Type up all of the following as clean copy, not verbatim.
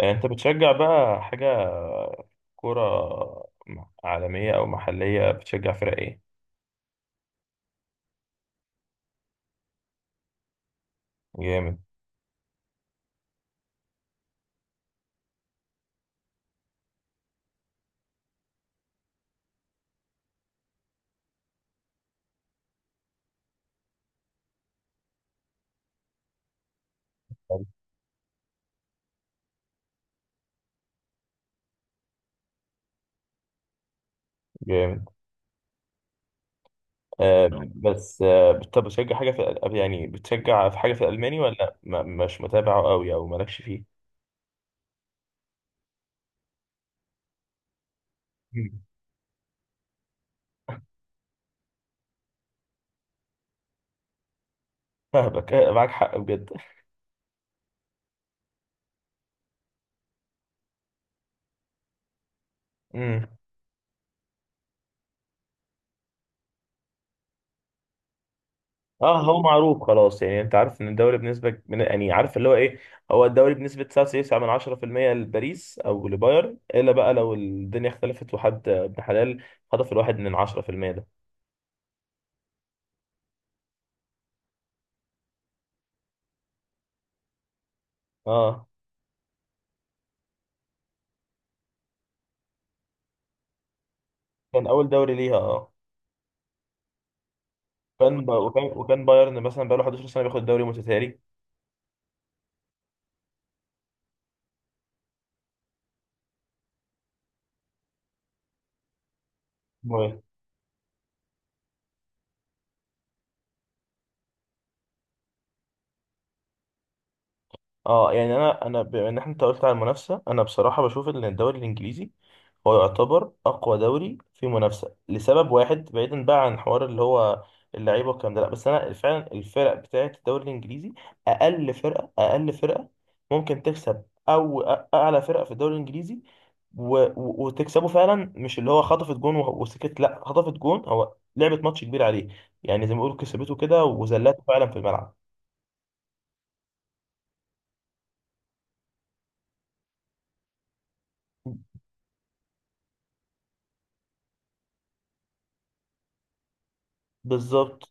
آه، انت بتشجع بقى حاجة كرة، عالمية او محلية؟ بتشجع فرق ايه؟ جامد. جامد آه. بس طب بتشجع حاجة في يعني بتشجع في حاجة في الألماني، ولا ما مش متابعه قوي او مالكش فيه؟ مم. فاهمك، معاك حق بجد. امم. اه، هو معروف خلاص، يعني انت عارف ان الدوري بنسبة، من يعني عارف اللي هو ايه. هو الدوري بنسبة 99 من 10% لباريس او لبايرن، الا بقى لو الدنيا اختلفت وحد ابن حلال خطف الواحد من 10%. اه، كان اول دوري ليها اه. كان وكان بايرن مثلا بقاله 11 سنه بياخد الدوري متتالي. بايرن. اه، يعني انا بما ان احنا، انت قلت على المنافسه، انا بصراحه بشوف ان الدوري الانجليزي هو يعتبر اقوى دوري في منافسه لسبب واحد، بعيدا بقى عن حوار اللي هو اللعيبه والكلام ده. لا، بس انا فعلا الفرق بتاعت الدوري الانجليزي، اقل فرقه، اقل فرقه ممكن تكسب، او اعلى فرقه في الدوري الانجليزي، و... و- وتكسبه فعلا. مش اللي هو خطفت جون وسكت، لا، خطفت جون، هو لعبت ماتش كبير عليه، يعني زي ما بيقولوا كسبته كده وذلته فعلا في الملعب. بالظبط.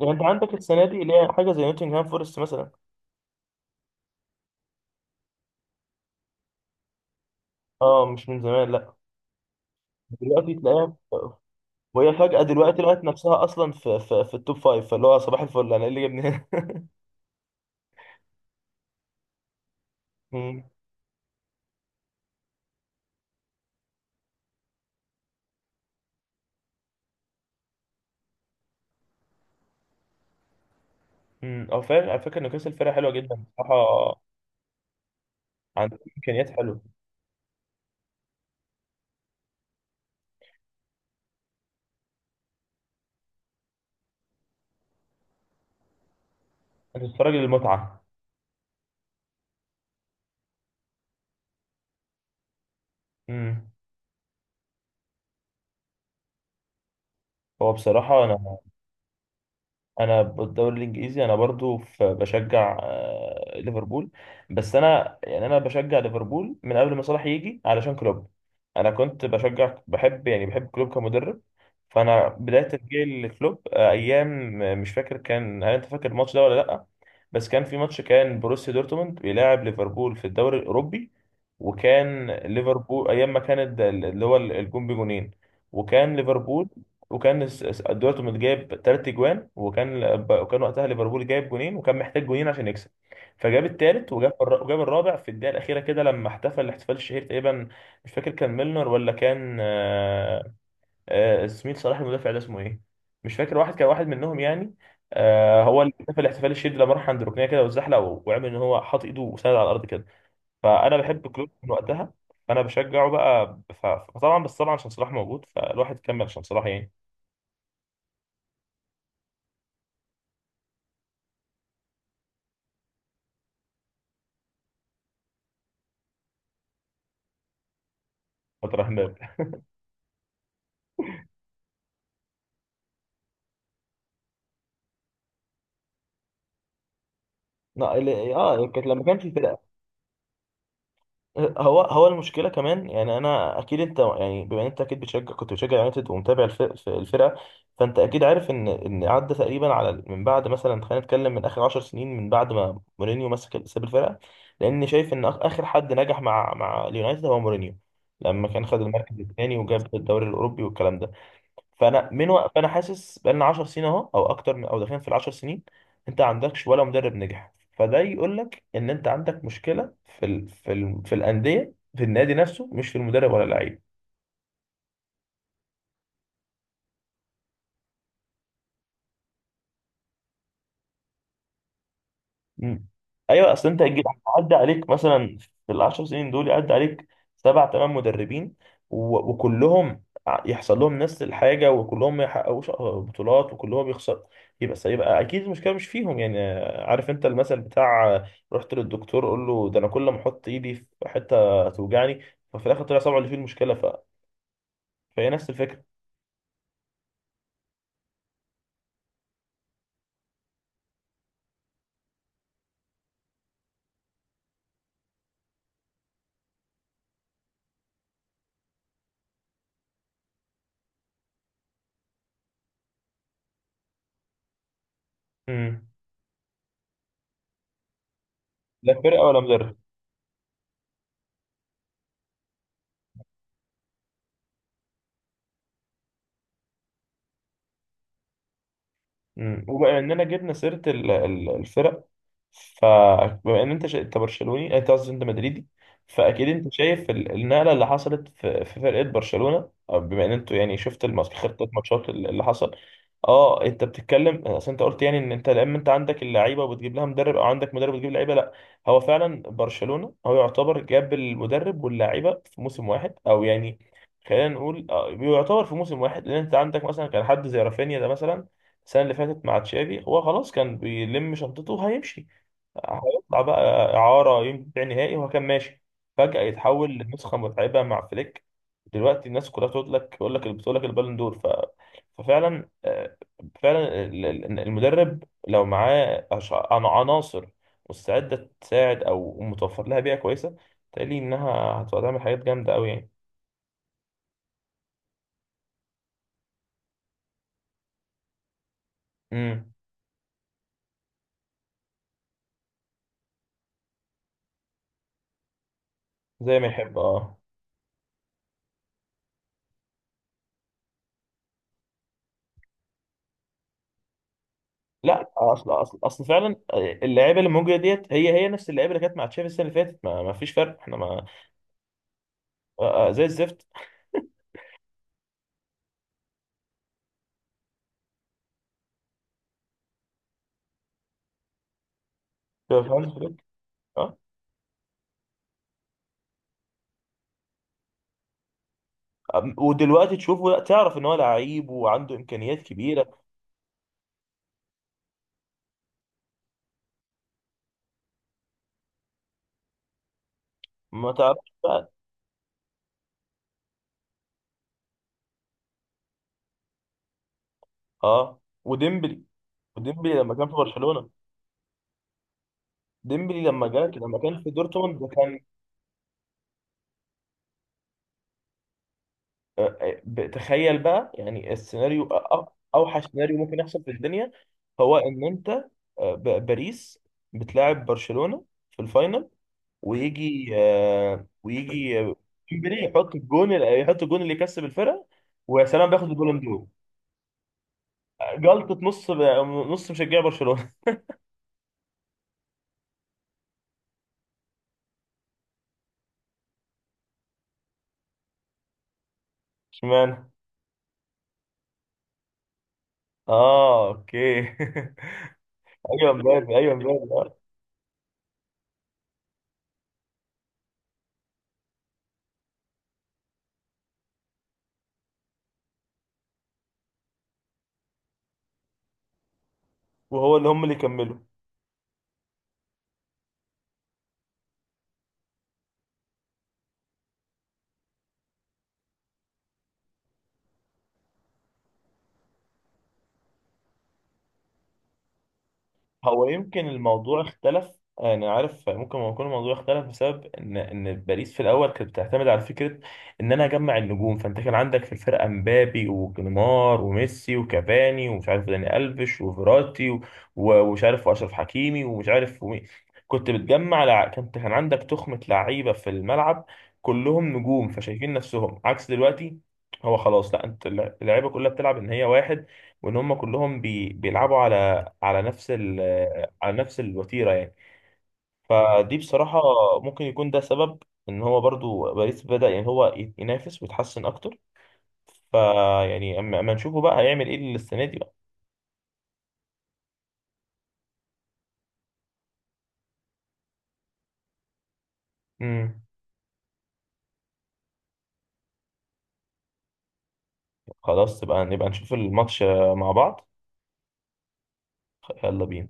يعني انت عندك السنه دي اللي هي حاجه زي نوتنغهام فورست مثلا. اه، مش من زمان، لا. دلوقتي تلاقيها، وهي فجأة دلوقتي لقت نفسها أصلا في التوب فايف، فاللي هو صباح الفل، أنا إيه اللي جابني هنا؟ مم. مم. أو فعلا، على فكرة نيوكاسل فرقة حلوة جدا بصراحة، عندها إمكانيات حلوة. أنت بتتفرج للمتعة. مم. هو بصراحة أنا، انا بالدوري الانجليزي انا برضو في بشجع، ليفربول. بس انا، يعني انا بشجع ليفربول من قبل ما صلاح يجي علشان كلوب. انا كنت بشجع، بحب يعني بحب كلوب كمدرب. فانا بدايه تشجيعي لكلوب ايام، مش فاكر كان، هل انت فاكر الماتش ده ولا لا؟ بس كان في ماتش كان بروسيا دورتموند بيلاعب ليفربول في الدوري الاوروبي. وكان ليفربول ايام ما كانت اللي هو الجون بجونين. وكان ليفربول، وكان دلوقتي كنت جايب تلات اجوان، وكان، وكان وقتها ليفربول جايب جونين وكان محتاج جونين عشان يكسب، فجاب التالت وجاب الرابع في الدقيقه الاخيره كده لما احتفل الاحتفال الشهير تقريبا. مش فاكر كان ميلنر ولا كان زميل صلاح المدافع ده اسمه ايه، مش فاكر، واحد كان واحد منهم يعني. هو اللي احتفل الاحتفال الشهير ده، لما راح عند ركنيه كده واتزحلق، وعمل ان هو حاط ايده وسند على الارض كده. فانا بحب كلوب من وقتها. فانا بشجعه بقى، فطبعا، بس طبعا عشان صلاح موجود، فالواحد كمل عشان صلاح يعني. فتره. لا، كانت لما كانش الفرقه. هو هو المشكله كمان، يعني انا اكيد انت، يعني بما ان انت اكيد بتشجع، كنت بتشجع يونايتد ومتابع الفرقه، فانت اكيد عارف ان عدى تقريبا على من بعد مثلا، خلينا نتكلم من اخر 10 سنين، من بعد ما مورينيو مسك ساب الفرقه. لان شايف ان اخر حد نجح مع اليونايتد هو مورينيو، لما كان خد المركز الثاني وجاب الدوري الاوروبي والكلام ده. فانا من فانا حاسس بقالنا 10 سنين اهو، او اكتر، من او داخلين في ال 10 سنين. انت ما عندكش ولا مدرب نجح، فده يقول لك ان انت عندك مشكله في الانديه، في النادي نفسه، مش في المدرب ولا اللعيب. مم. ايوه، اصل انت هتجيب، عدى عليك مثلا في العشر سنين دول، يعدي عليك سبع ثمان مدربين، وكلهم يحصل لهم نفس الحاجه، وكلهم ما يحققوش بطولات، وكلهم يخسروا، يبقى اكيد المشكله مش فيهم يعني. عارف انت المثل بتاع، رحت للدكتور قول له ده انا كل ما احط ايدي في حته توجعني، ففي الاخر طلع صبعه اللي فيه المشكله. فهي نفس الفكره. مم. لا فرقه ولا مدرب. مم. وبما اننا جبنا سيره الفرق، فبما ان انت انت برشلوني، انت قصدي انت مدريدي، فاكيد انت شايف النقله اللي حصلت في فرقه برشلونه، أو بما ان انتوا يعني شفت الماتش، خطه ماتشات اللي حصل. اه، انت بتتكلم، اصل انت قلت يعني ان انت لما انت عندك اللعيبه وبتجيب لها مدرب، او عندك مدرب وتجيب لعيبه. لا، هو فعلا برشلونه هو يعتبر جاب المدرب واللعيبه في موسم واحد، او يعني خلينا نقول، يعتبر في موسم واحد، لان انت عندك مثلا كان حد زي رافينيا ده مثلا. السنه اللي فاتت مع تشافي هو خلاص كان بيلم شنطته وهيمشي، هيطلع بقى إعارة، ينبيع نهائي، وهو كان ماشي. فجأة يتحول لنسخة متعبة مع فليك. دلوقتي الناس كلها تقول لك، تقول لك بتقول لك البالون دور. ففعلا، فعلا المدرب لو معاه عناصر مستعدة تساعد، أو متوفر لها بيئة كويسة، تقلي إنها هتبقى تعمل حاجات جامدة أوي يعني. امم. زي ما يحب اه. لا، اصل فعلا اللعيبه اللي موجوده ديت هي هي نفس اللعيبه اللي كانت مع تشافي السنه اللي فاتت، ما فيش فرق، احنا ما، زي الزفت. فاهم فليك. اه. ودلوقتي تشوفه، لا تعرف ان هو لعيب وعنده امكانيات كبيره. ما تعرفش بقى. اه وديمبلي، وديمبلي لما كان في برشلونه. ديمبلي لما كان في دورتموند ده كان، تخيل بقى يعني السيناريو، أ- اوحش سيناريو ممكن يحصل في الدنيا هو ان انت، باريس بتلاعب برشلونه في الفاينل، ويجي، ديمبلي يحط الجون، يحط الجون اللي يكسب الفرقه، ويا سلام بياخد البالون دور. جلطة نص مشجع برشلونة. اشمعنى؟ اه، اوكي. ايوه مبابي، ايوه مبابي آه. وهو اللي هم اللي كملوا. هو يمكن الموضوع اختلف، انا عارف ممكن يكون الموضوع اختلف بسبب ان باريس في الاول كانت بتعتمد على فكره ان انا اجمع النجوم، فانت كان عندك في الفرقه مبابي ونيمار وميسي وكافاني، ومش عارف داني الفيش وفيراتي، ومش عارف واشرف حكيمي، ومش عارف ومين. كنت بتجمع لع... كنت كان عندك تخمه لعيبه في الملعب، كلهم نجوم فشايفين نفسهم عكس دلوقتي. هو خلاص، لا انت، اللعيبه كلها بتلعب ان هي واحد، وان هم كلهم بيلعبوا على، على نفس ال على نفس الوتيرة يعني. فدي بصراحة ممكن يكون ده سبب ان هو برضو باريس بدأ يعني هو ينافس ويتحسن اكتر. فيعني أما نشوفه بقى هيعمل ايه السنة دي بقى. امم. خلاص، نبقى نشوف الماتش مع بعض. يلا بينا.